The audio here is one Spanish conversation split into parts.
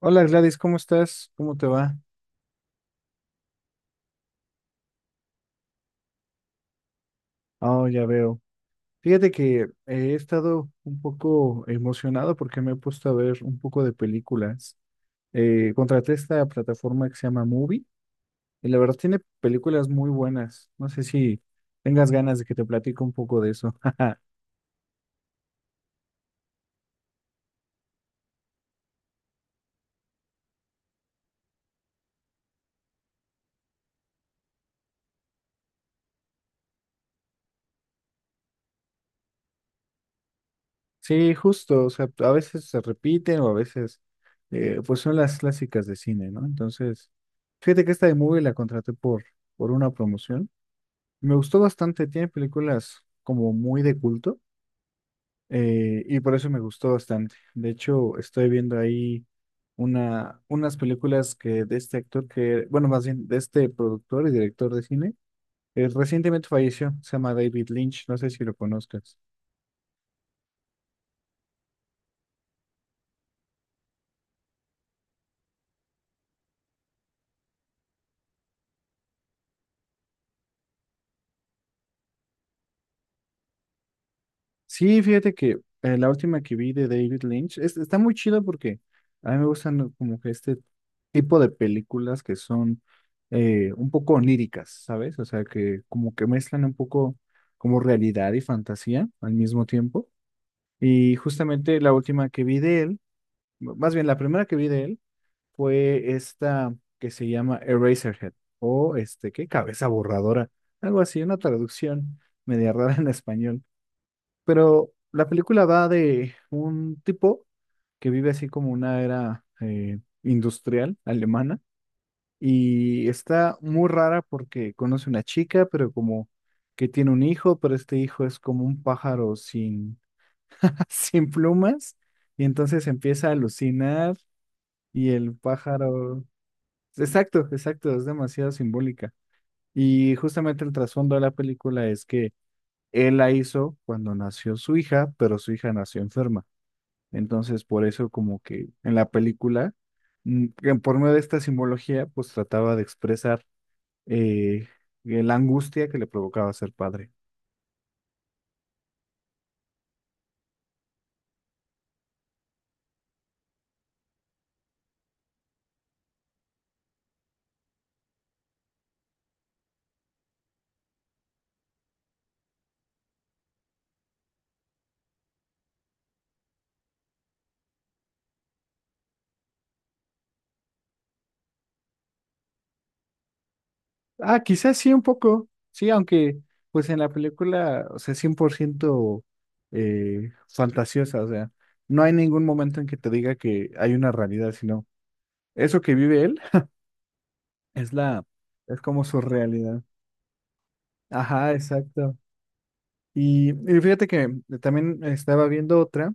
Hola Gladys, ¿cómo estás? ¿Cómo te va? Oh, ya veo. Fíjate que he estado un poco emocionado porque me he puesto a ver un poco de películas. Contraté esta plataforma que se llama Movie y la verdad tiene películas muy buenas. No sé si tengas ganas de que te platique un poco de eso. Sí, justo, o sea, a veces se repiten o a veces pues son las clásicas de cine, ¿no? Entonces, fíjate que esta de Movie la contraté por una promoción. Me gustó bastante, tiene películas como muy de culto y por eso me gustó bastante. De hecho, estoy viendo ahí unas películas que de este actor que, bueno, más bien de este productor y director de cine, recientemente falleció, se llama David Lynch, no sé si lo conozcas. Sí, fíjate que la última que vi de David Lynch está muy chido porque a mí me gustan, ¿no?, como que este tipo de películas que son un poco oníricas, ¿sabes? O sea, que como que mezclan un poco como realidad y fantasía al mismo tiempo. Y justamente la última que vi de él, más bien la primera que vi de él fue esta que se llama Eraserhead o este, ¿qué?, Cabeza borradora, algo así, una traducción media rara en español. Pero la película va de un tipo que vive así como una era industrial alemana y está muy rara porque conoce una chica, pero como que tiene un hijo, pero este hijo es como un pájaro sin, sin plumas y entonces empieza a alucinar y el pájaro... Exacto, exacto, es demasiado simbólica. Y justamente el trasfondo de la película es que él la hizo cuando nació su hija, pero su hija nació enferma. Entonces, por eso como que en la película, que por medio de esta simbología, pues trataba de expresar eh, la angustia que le provocaba ser padre. Ah, quizás sí un poco, sí, aunque pues en la película, o sea, 100% fantasiosa, o sea, no hay ningún momento en que te diga que hay una realidad, sino eso que vive él es la, es como su realidad. Ajá, exacto. Y fíjate que también estaba viendo otra.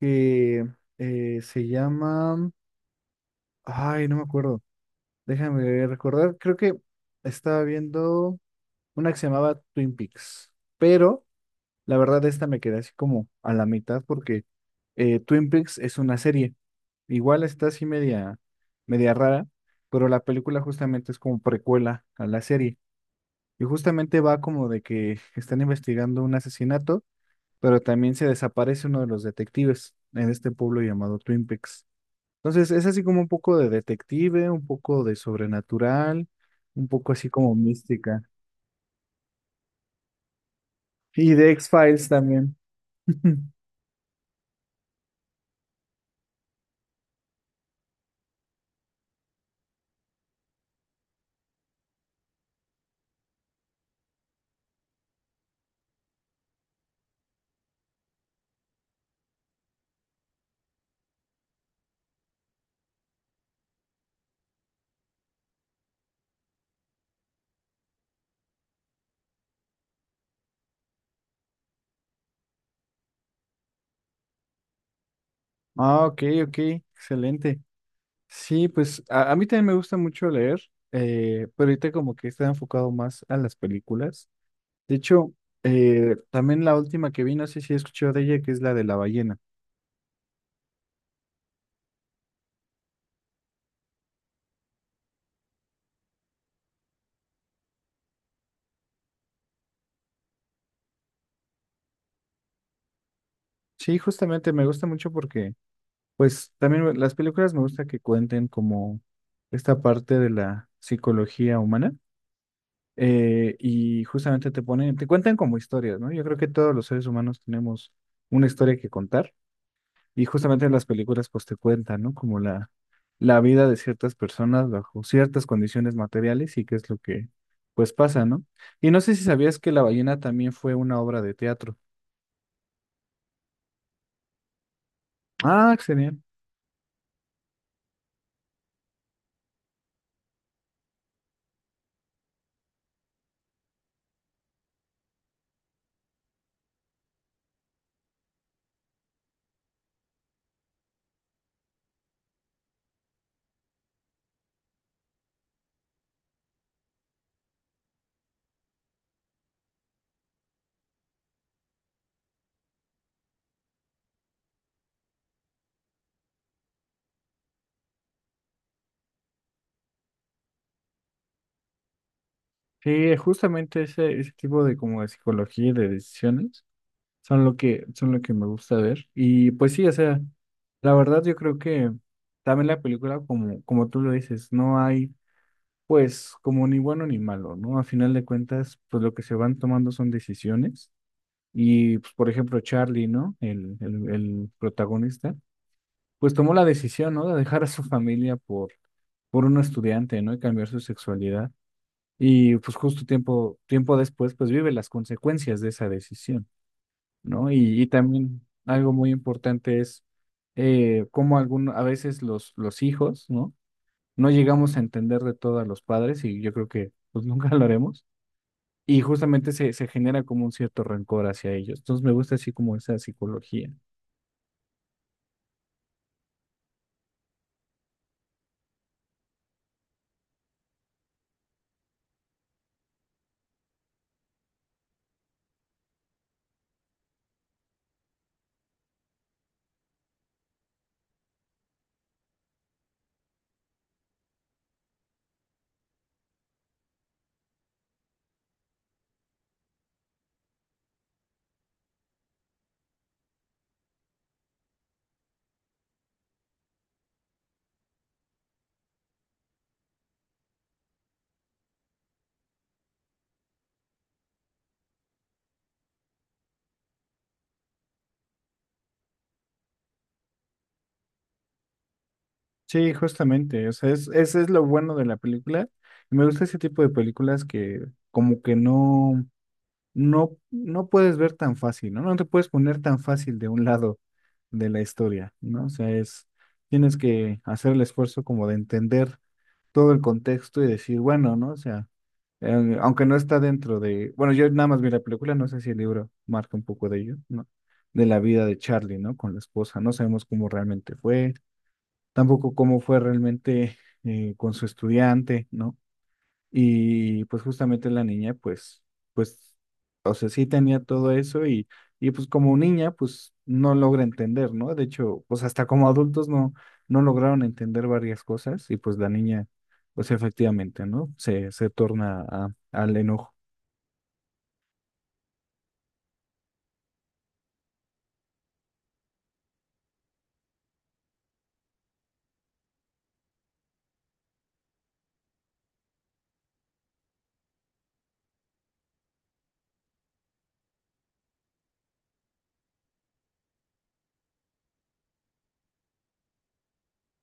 Que se llama... Ay, no me acuerdo. Déjame recordar. Creo que estaba viendo una que se llamaba Twin Peaks. Pero la verdad esta me quedé así como a la mitad porque Twin Peaks es una serie. Igual está así media, media rara, pero la película justamente es como precuela a la serie. Y justamente va como de que están investigando un asesinato, pero también se desaparece uno de los detectives en este pueblo llamado Twin Peaks. Entonces, es así como un poco de detective, un poco de sobrenatural, un poco así como mística. Y de X-Files también. Ah, ok, ok, excelente. Sí, pues a mí también me gusta mucho leer, pero ahorita como que está enfocado más a las películas. De hecho, también la última que vi, no sé si he escuchado de ella, que es la de la ballena. Sí, justamente me gusta mucho porque, pues también las películas me gusta que cuenten como esta parte de la psicología humana. Eh, y justamente te ponen, te cuentan como historias, ¿no? Yo creo que todos los seres humanos tenemos una historia que contar y justamente en las películas pues te cuentan, ¿no? Como la vida de ciertas personas bajo ciertas condiciones materiales y qué es lo que pues pasa, ¿no? Y no sé si sabías que La ballena también fue una obra de teatro. Ah, excelente. Sí, justamente ese tipo de como de psicología y de decisiones. Son lo que, son lo que me gusta ver. Y pues sí, o sea, la verdad yo creo que también la película, como, como tú lo dices, no hay pues como ni bueno ni malo, ¿no? A final de cuentas, pues lo que se van tomando son decisiones. Y pues, por ejemplo, Charlie, ¿no? El protagonista, pues tomó la decisión, ¿no?, de dejar a su familia por un estudiante, ¿no?, y cambiar su sexualidad. Y pues justo tiempo después, pues vive las consecuencias de esa decisión. ¿No? Y también algo muy importante es cómo algún, a veces los hijos, ¿no? No llegamos a entender de todo a los padres y yo creo que pues nunca lo haremos. Y justamente se genera como un cierto rencor hacia ellos. Entonces me gusta así como esa psicología. Sí, justamente. O sea, es, ese es lo bueno de la película. Me gusta ese tipo de películas que como que no... No, no puedes ver tan fácil, ¿no? No te puedes poner tan fácil de un lado de la historia, ¿no? O sea, es, tienes que hacer el esfuerzo como de entender todo el contexto y decir, bueno, ¿no? O sea, aunque no está dentro de, bueno, yo nada más vi la película, no sé si el libro marca un poco de ello, ¿no? De la vida de Charlie, ¿no? Con la esposa, no sabemos cómo realmente fue, tampoco cómo fue realmente con su estudiante, ¿no? Y pues justamente la niña, pues, pues, o sea, sí tenía todo eso y pues como niña, pues no logra entender, ¿no? De hecho, pues hasta como adultos no, no lograron entender varias cosas y pues la niña, pues efectivamente, ¿no? Se torna al enojo.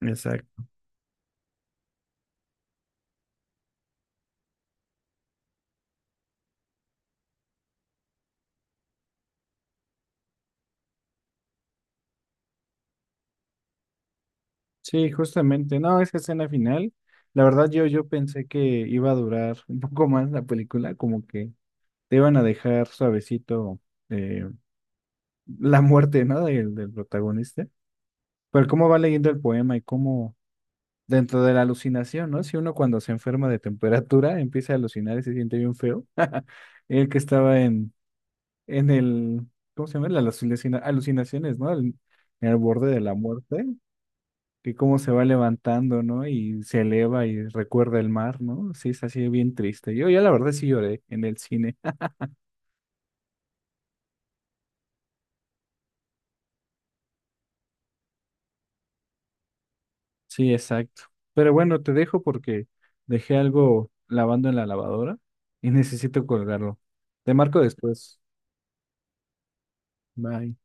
Exacto. Sí, justamente. No, esa escena final, la verdad yo pensé que iba a durar un poco más la película, como que te iban a dejar suavecito eh, la muerte, ¿no? Del protagonista. Pero cómo va leyendo el poema y cómo dentro de la alucinación, ¿no? Si uno cuando se enferma de temperatura empieza a alucinar y se siente bien feo. El que estaba en el, ¿cómo se llama? Las alucinaciones, ¿no? El- en el borde de la muerte, que cómo se va levantando, ¿no? Y se eleva y recuerda el mar, ¿no? Sí, es así bien triste. Yo ya la verdad sí lloré en el cine. Sí, exacto. Pero bueno, te dejo porque dejé algo lavando en la lavadora y necesito colgarlo. Te marco después. Bye.